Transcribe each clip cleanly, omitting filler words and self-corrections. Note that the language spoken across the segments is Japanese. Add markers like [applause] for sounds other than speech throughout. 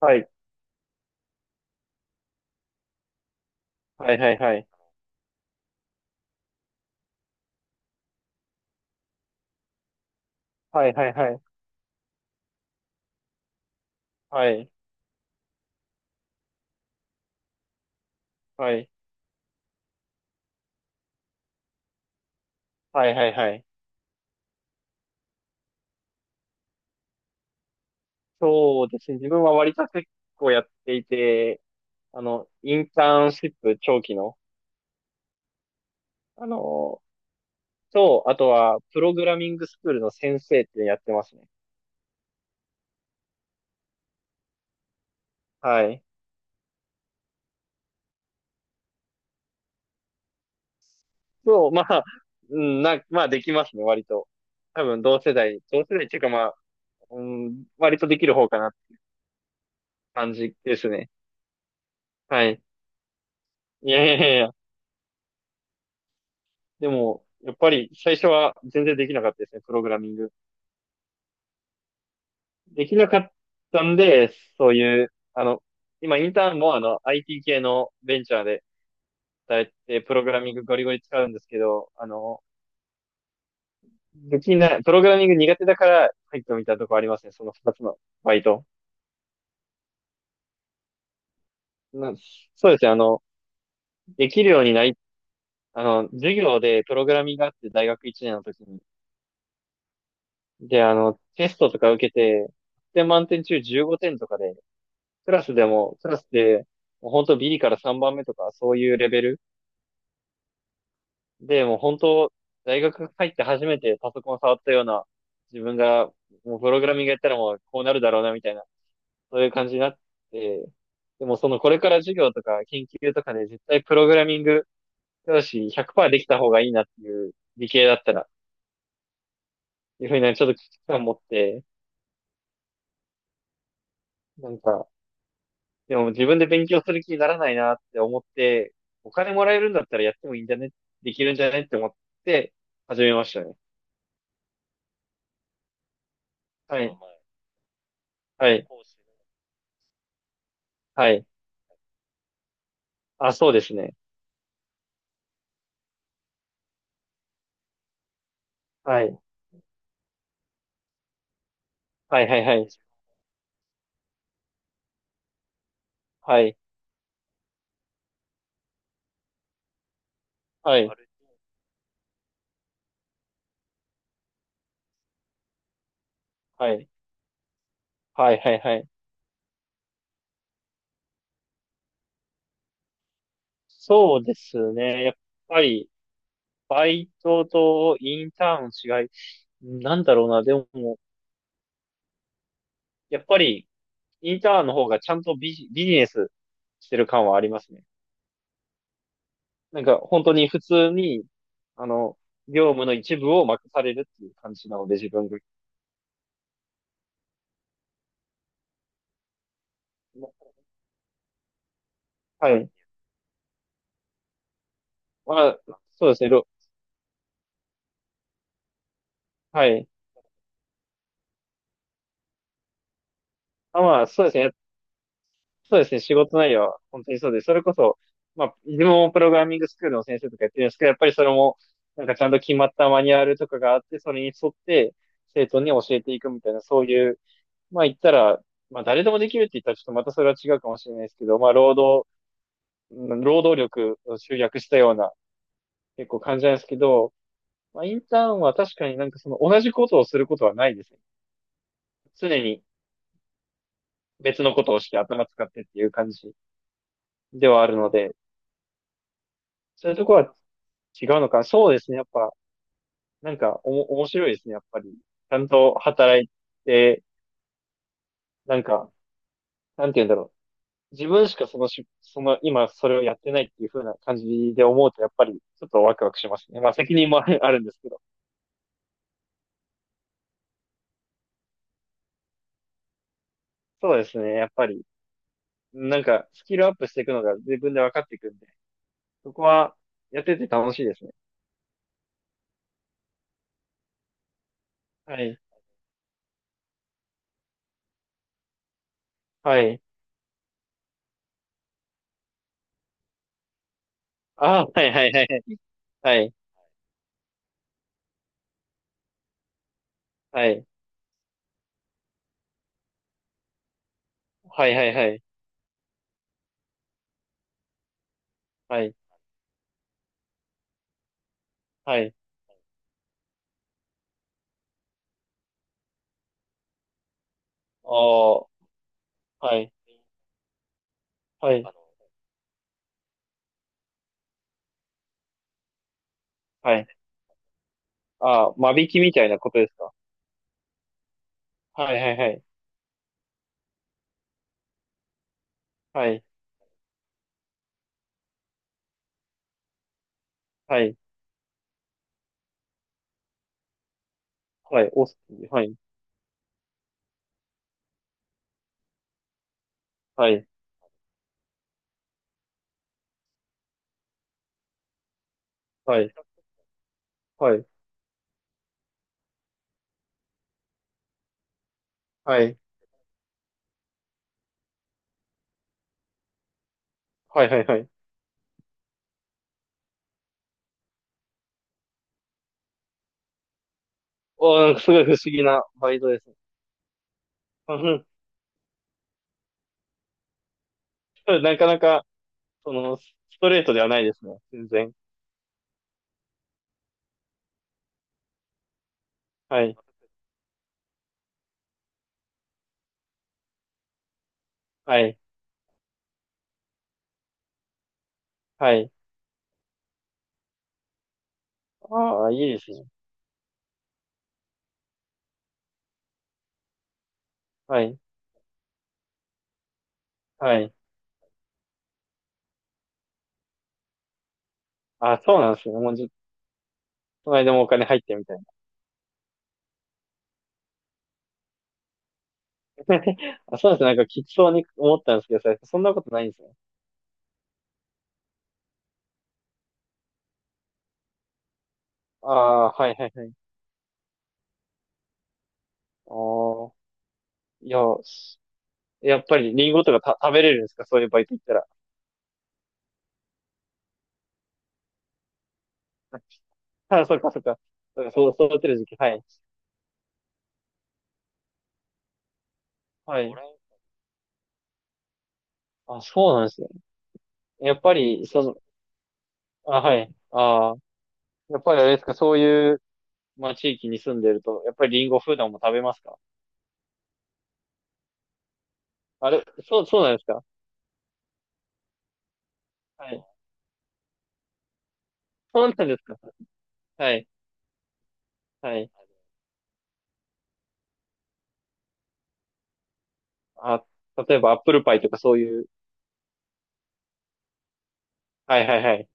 はい。はいはいはい。はいはいはい。はい。はい。はいはいはい。そうですね。自分は割と結構やっていて、インターンシップ長期の、あの、あとは、プログラミングスクールの先生ってやってますね。はい。そう、まあ、うん、まあできますね、割と。多分同世代っていうかまあ、うん、割とできる方かなって感じですね。はい。いやいやいやいや。でも、やっぱり最初は全然できなかったですね、プログラミング。できなかったんで、そういう、今インターンもIT 系のベンチャーで働いて、プログラミングゴリゴリ使うんですけど、できない、プログラミング苦手だから入ってみたとこありますね、その二つのバイト。なそうですね、できるようになり、授業でプログラミングがあって大学1年の時に。で、テストとか受けて、で、満点中15点とかで、クラスで、もう本当ビリから3番目とか、そういうレベルで、もう本当、大学入って初めてパソコン触ったような、自分が、もうプログラミングやったらもうこうなるだろうな、みたいな、そういう感じになって、でもそのこれから授業とか研究とかで絶対プログラミング教師100%できた方がいいなっていう理系だったら、いうふうにちょっと危機感持って、なんか、でも自分で勉強する気にならないなって思って、お金もらえるんだったらやってもいいんじゃねできるんじゃねって思って始めましたね。はい。はい。はい。あ、そうですね。はい。はいはいはい。はい。はい。あれ、はい。はいはいはいはいはいはいはい。そうですね。やっぱり、バイトとインターンの違い。なんだろうな。でも、やっぱり、インターンの方がちゃんとビジネスしてる感はありますね。なんか、本当に普通に、あの、業務の一部を任されるっていう感じなので、自分が。はい。まあ、そうですね。はい。あ、まあ、そうですね。そうですね、仕事内容は本当にそうです、それこそ、まあ、自分もプログラミングスクールの先生とかやってるんですけど、やっぱりそれも、なんかちゃんと決まったマニュアルとかがあって、それに沿って生徒に教えていくみたいな、そういう、まあ言ったら、まあ誰でもできるって言ったらちょっとまたそれは違うかもしれないですけど、まあうん労働力を集約したような結構感じなんですけど、まあインターンは確かになんかその同じことをすることはないですね。常に別のことをして頭使ってっていう感じではあるので、そういうところは違うのか。そうですね。やっぱ、なんか、面白いですね。やっぱり。ちゃんと働いて、なんか、なんて言うんだろう。自分しかそのし、その、今それをやってないっていう風な感じで思うと、やっぱり、ちょっとワクワクしますね。まあ、責任も [laughs] あるんですけど。そうですね。やっぱり、なんか、スキルアップしていくのが自分で分かっていくんで、そこは、やってて楽しいですね。はい。はい。ああ、はいはいはいはい。はい。はいはいはいはい。はい。はい。ああ、はい。はい。はい。ああ、間引きみたいなことですか？はいはいはい。はい、はい、はい、はい、はい、はい、はい、はい、はい、はい、はい。おー、なんかすごい不思議なバイトですね。うんうん [laughs] なかなか、ストレートではないですね。全然。はい、はい、はい。ああ、いいですね。はい、はい。あ、そうなんですね。もうじ、この間もお金入ってみたいな。[laughs] あ、そうですね。なんかきつそうに思ったんですけど、そんなことないんですね。ああ、はい、はい、はい。ああ、いや、やっぱりリンゴとか食べれるんですか？そういうバイト行ったら。[laughs] あ、そっかそっか。そうか、そう、育てる時期。はい。はい。あ、そうなんですね。やっぱり、あ、はい。ああ、やっぱりあれですか、そういう、まあ、地域に住んでると、やっぱりリンゴ普段も食べますか？あれ、そうなんですか？はい。そうなんですか？はい。はい。あ、例えばアップルパイとかそういう。はいはいはい。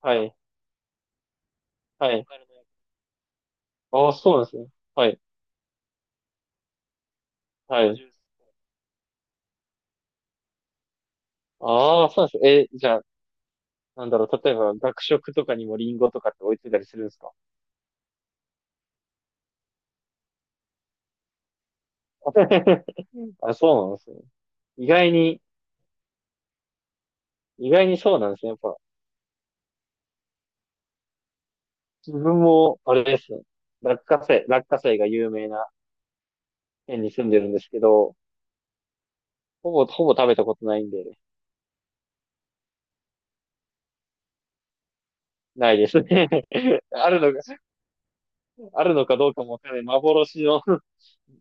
はい。はい。ああ、そうなんですね。はい。はい。ああ、そうなんです。え、じゃあ、なんだろう、例えば学食とかにもリンゴとかって置いてたりするんですか？ [laughs] あ、そうなんですね。意外に、意外にそうなんですね。やっぱ、自分も、あれですね。落花生が有名な県に住んでるんですけど、ほぼ食べたことないんで、ないですね。[laughs] あるのか、あるのかどうかもわからない。幻の [laughs]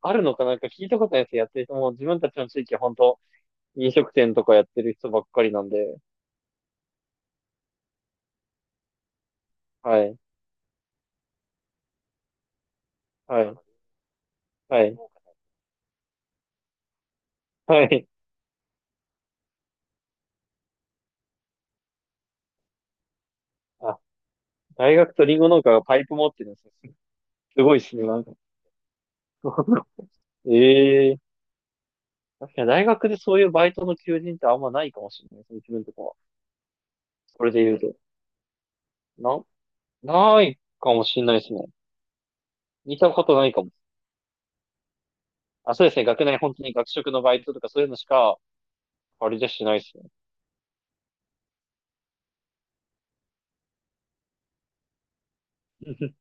あるのかなんか聞いたことないです。やってる人も、自分たちの地域は本当飲食店とかやってる人ばっかりなんで、はい、はい、はい、はい。あ、大学とリンゴ農家がパイプ持ってるんですよ。すごいですね、[laughs] なんか。[laughs] ええー、確かに大学でそういうバイトの求人ってあんまないかもしれないですね、自分とかは。それで言うと。な、ないかもしれないですね。見たことないかも。あ、そうですね、学内本当に学食のバイトとかそういうのしか、あれじゃしないですね。